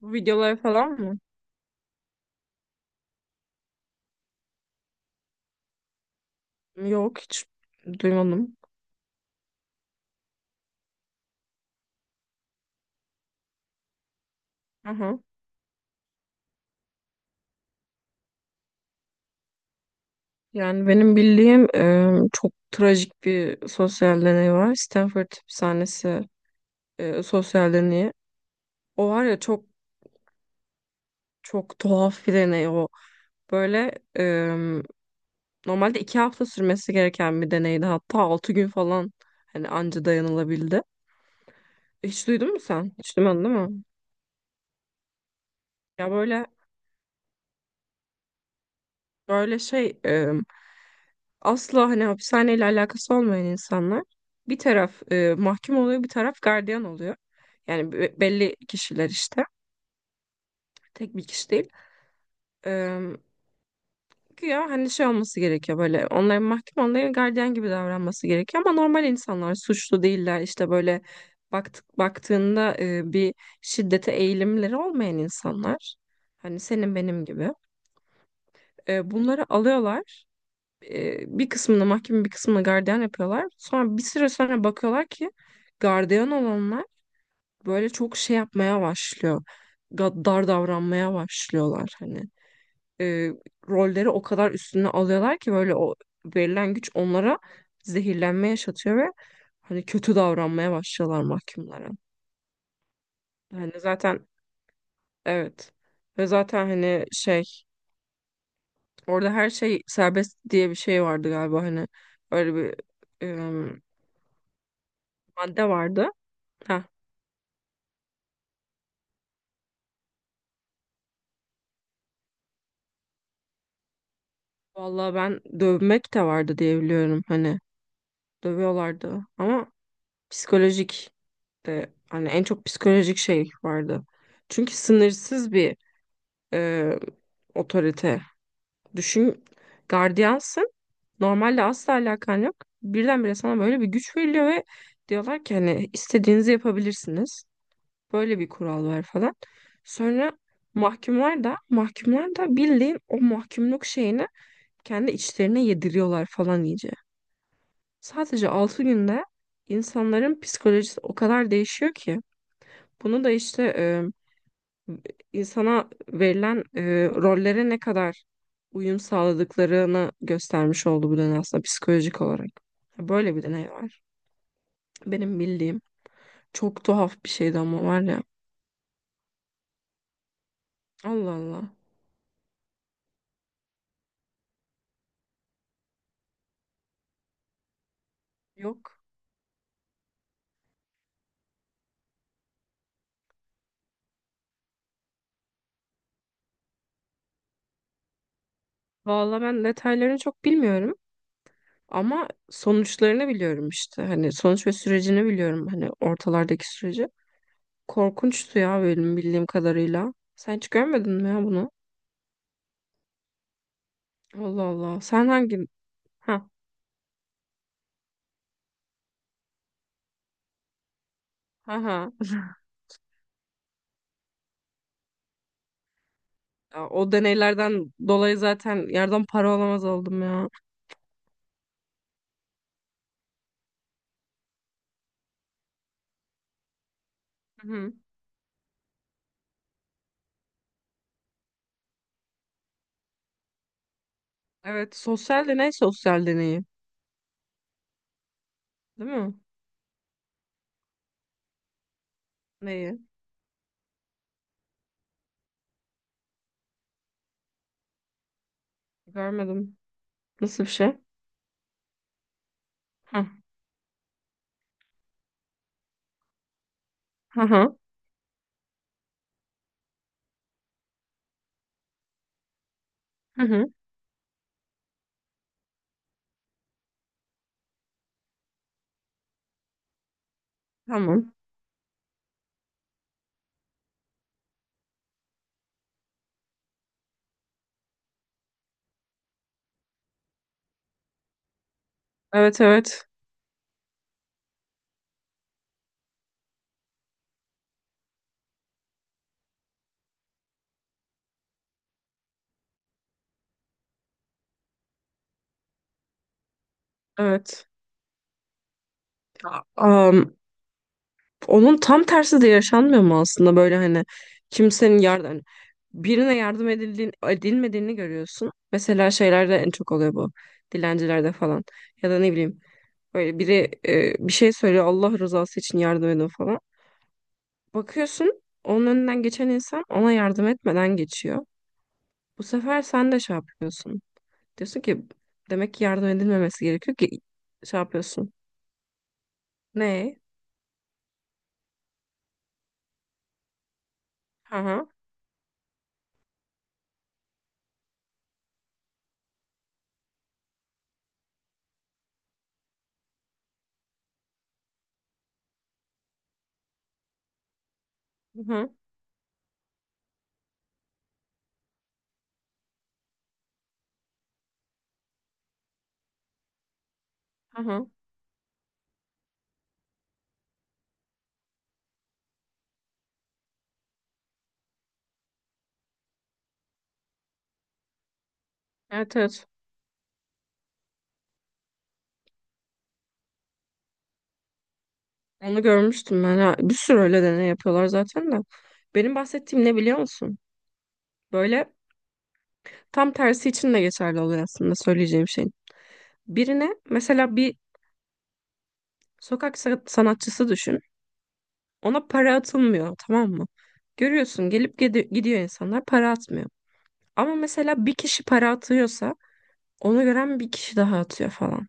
Bu videoları falan mı? Yok hiç duymadım. Aha. Yani benim bildiğim çok trajik bir sosyal deney var. Stanford Hapishanesi sosyal deneyi. O var ya çok çok tuhaf bir deney o. Böyle e, normalde 2 hafta sürmesi gereken bir deneydi. Hatta 6 gün falan hani anca dayanılabildi. Hiç duydun mu sen? Hiç duymadın değil mi? Ya böyle şey asla hani hapishaneyle alakası olmayan insanlar bir taraf mahkum oluyor, bir taraf gardiyan oluyor. Yani belli kişiler işte. Tek bir kişi değil. E, Güya hani şey olması gerekiyor böyle onların mahkum onların gardiyan gibi davranması gerekiyor ama normal insanlar suçlu değiller işte böyle baktığında bir şiddete eğilimleri olmayan insanlar hani senin benim gibi bunları alıyorlar, bir kısmını mahkeme bir kısmını gardiyan yapıyorlar. Sonra bir süre sonra bakıyorlar ki gardiyan olanlar böyle çok şey yapmaya başlıyor. Dar davranmaya başlıyorlar hani. E, Rolleri o kadar üstüne alıyorlar ki böyle o verilen güç onlara zehirlenme yaşatıyor ve hani kötü davranmaya başlıyorlar mahkumlara. Hani zaten evet ve zaten hani şey, orada her şey serbest diye bir şey vardı galiba, hani öyle bir em, madde vardı. Ha, vallahi ben dövmek de vardı diye biliyorum, hani dövüyorlardı ama psikolojik de hani en çok psikolojik şey vardı. Çünkü sınırsız bir e, otorite. Düşün, gardiyansın, normalde asla alakan yok. Birdenbire sana böyle bir güç veriliyor ve diyorlar ki hani istediğinizi yapabilirsiniz. Böyle bir kural var falan. Sonra mahkumlar da bildiğin o mahkumluk şeyini kendi içlerine yediriyorlar falan iyice. Sadece 6 günde insanların psikolojisi o kadar değişiyor ki. Bunu da işte insana verilen rollere ne kadar uyum sağladıklarını göstermiş oldu bu deney, aslında psikolojik olarak. Böyle bir deney var. Benim bildiğim çok tuhaf bir şeydi ama, var ya. Allah Allah. Yok. Valla ben detaylarını çok bilmiyorum. Ama sonuçlarını biliyorum işte. Hani sonuç ve sürecini biliyorum. Hani ortalardaki süreci. Korkunçtu ya bölüm bildiğim kadarıyla. Sen hiç görmedin mi ya bunu? Allah Allah. Sen hangi... Ha ha ha. Ya, o deneylerden dolayı zaten yerden para alamaz oldum ya. Hı hı. Evet, sosyal deney sosyal deneyi. Değil mi? Neyi? Görmedim. Nasıl bir şey? Ha. Hı hı. Hı. Hı. Tamam. Evet evet. Evet. Aa, onun tam tersi de yaşanmıyor mu aslında, böyle hani kimsenin yardım, hani birine yardım edildiğin, edilmediğini görüyorsun. Mesela şeylerde en çok oluyor bu. Dilencilerde falan. Ya da ne bileyim, böyle biri bir şey söylüyor, Allah rızası için yardım edin falan. Bakıyorsun onun önünden geçen insan ona yardım etmeden geçiyor. Bu sefer sen de şey yapıyorsun. Diyorsun ki demek ki yardım edilmemesi gerekiyor ki şey yapıyorsun. Ne? Hı hı. Hı hı. Hı hı. Evet evet. Onu görmüştüm ben. Ha, bir sürü öyle deney yapıyorlar zaten de. Benim bahsettiğim ne biliyor musun? Böyle tam tersi için de geçerli oluyor aslında, söyleyeceğim şeyin. Birine mesela bir sokak sanatçısı düşün. Ona para atılmıyor, tamam mı? Görüyorsun gelip gidiyor, insanlar para atmıyor. Ama mesela bir kişi para atıyorsa onu gören bir kişi daha atıyor falan.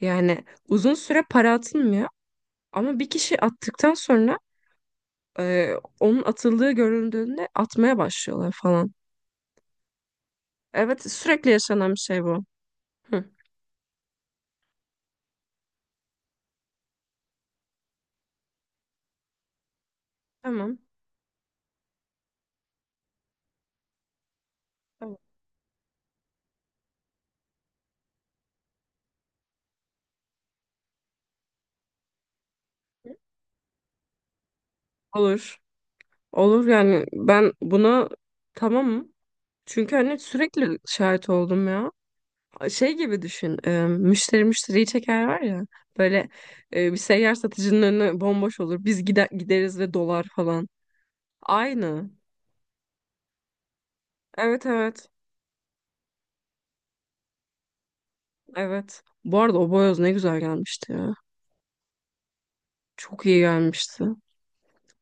Yani uzun süre para atılmıyor ama bir kişi attıktan sonra e, onun atıldığı görüldüğünde atmaya başlıyorlar falan. Evet, sürekli yaşanan bir şey bu. Hı. Tamam. Tamam. Olur. Olur, yani ben buna tamamım. Çünkü hani sürekli şahit oldum ya. Şey gibi düşün, müşteri müşteriyi çeker var ya. Böyle bir seyyar satıcının önü bomboş olur. Biz gideriz ve dolar falan. Aynı. Evet evet. Evet. Bu arada o boyoz ne güzel gelmişti ya. Çok iyi gelmişti.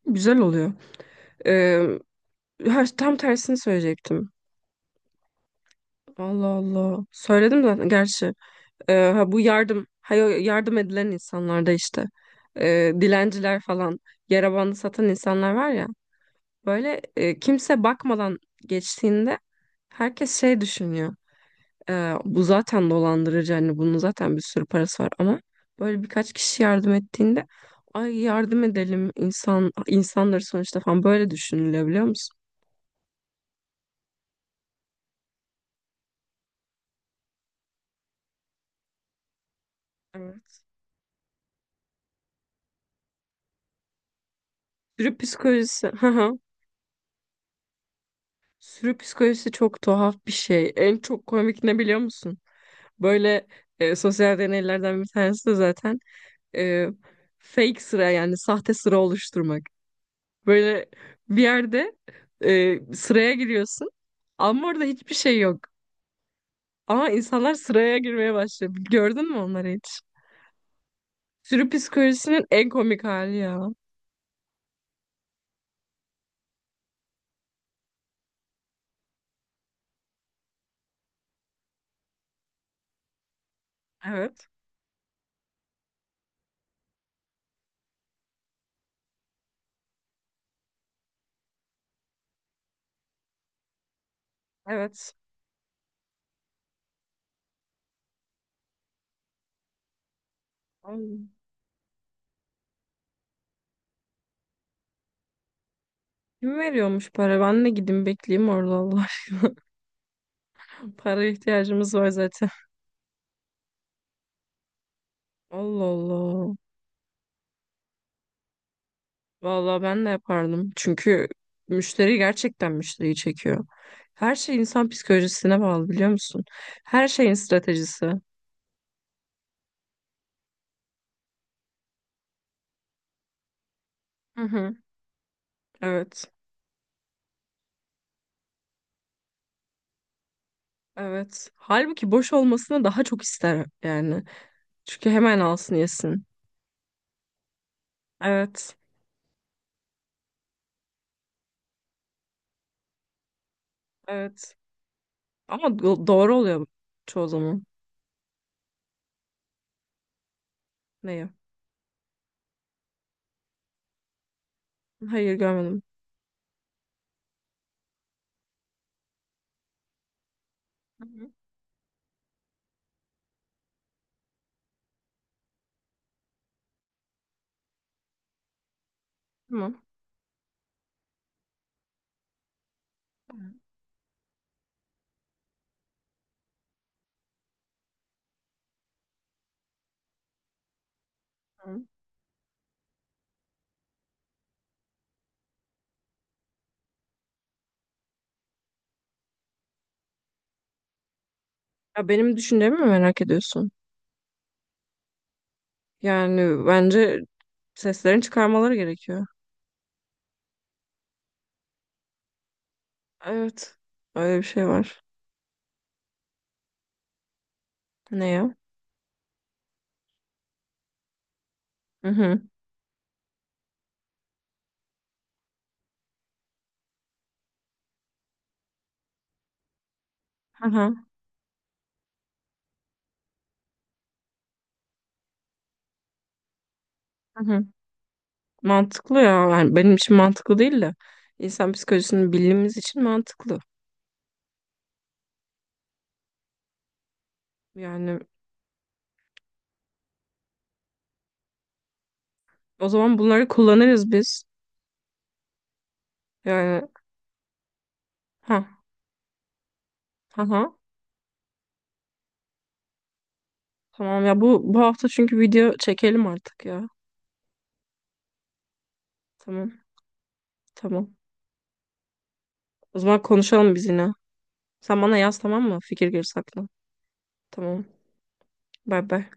Güzel oluyor. E, ha, tam tersini söyleyecektim. Allah Allah. Söyledim zaten gerçi. Ha, bu yardım, yardım edilen insanlarda işte, dilenciler falan, yara bandı satan insanlar var ya, böyle kimse bakmadan geçtiğinde herkes şey düşünüyor. Bu zaten dolandırıcı, hani bunun zaten bir sürü parası var, ama böyle birkaç kişi yardım ettiğinde ay yardım edelim, insanları sonuçta falan, böyle düşünülebiliyor musun? Evet. Sürü psikolojisi. Sürü psikolojisi çok tuhaf bir şey. En çok komik ne biliyor musun? Böyle sosyal deneylerden bir tanesi de zaten e, fake sıra, yani sahte sıra oluşturmak. Böyle bir yerde sıraya giriyorsun ama orada hiçbir şey yok. Ama insanlar sıraya girmeye başlıyor. Gördün mü onları hiç? Sürü psikolojisinin en komik hali ya. Evet, evet. Ay, kim veriyormuş para? Ben de gideyim bekleyeyim orada Allah aşkına. Para ihtiyacımız var zaten. Allah Allah. Vallahi ben de yapardım. Çünkü müşteri gerçekten müşteriyi çekiyor. Her şey insan psikolojisine bağlı, biliyor musun? Her şeyin stratejisi. Hı hı. Evet. Evet. Halbuki boş olmasını daha çok ister yani. Çünkü hemen alsın yesin. Evet. Evet. Ama doğru oluyor çoğu zaman. Neyi? Hayır, görmedim. Hı hı. Tamam. Hı hı. Ya benim düşüncemi mi merak ediyorsun? Yani bence seslerini çıkarmaları gerekiyor. Evet. Öyle bir şey var. Ne ya? Hı hı. Hı hı. Hı hı. Mantıklı ya. Yani benim için mantıklı değil de insan psikolojisini bildiğimiz için mantıklı. Yani o zaman bunları kullanırız biz. Yani ha ha ha. Tamam ya, bu bu hafta çünkü video çekelim artık ya. Tamam. Tamam. O zaman konuşalım biz yine. Sen bana yaz, tamam mı? Fikir gerisi aklına. Tamam. Bay bay.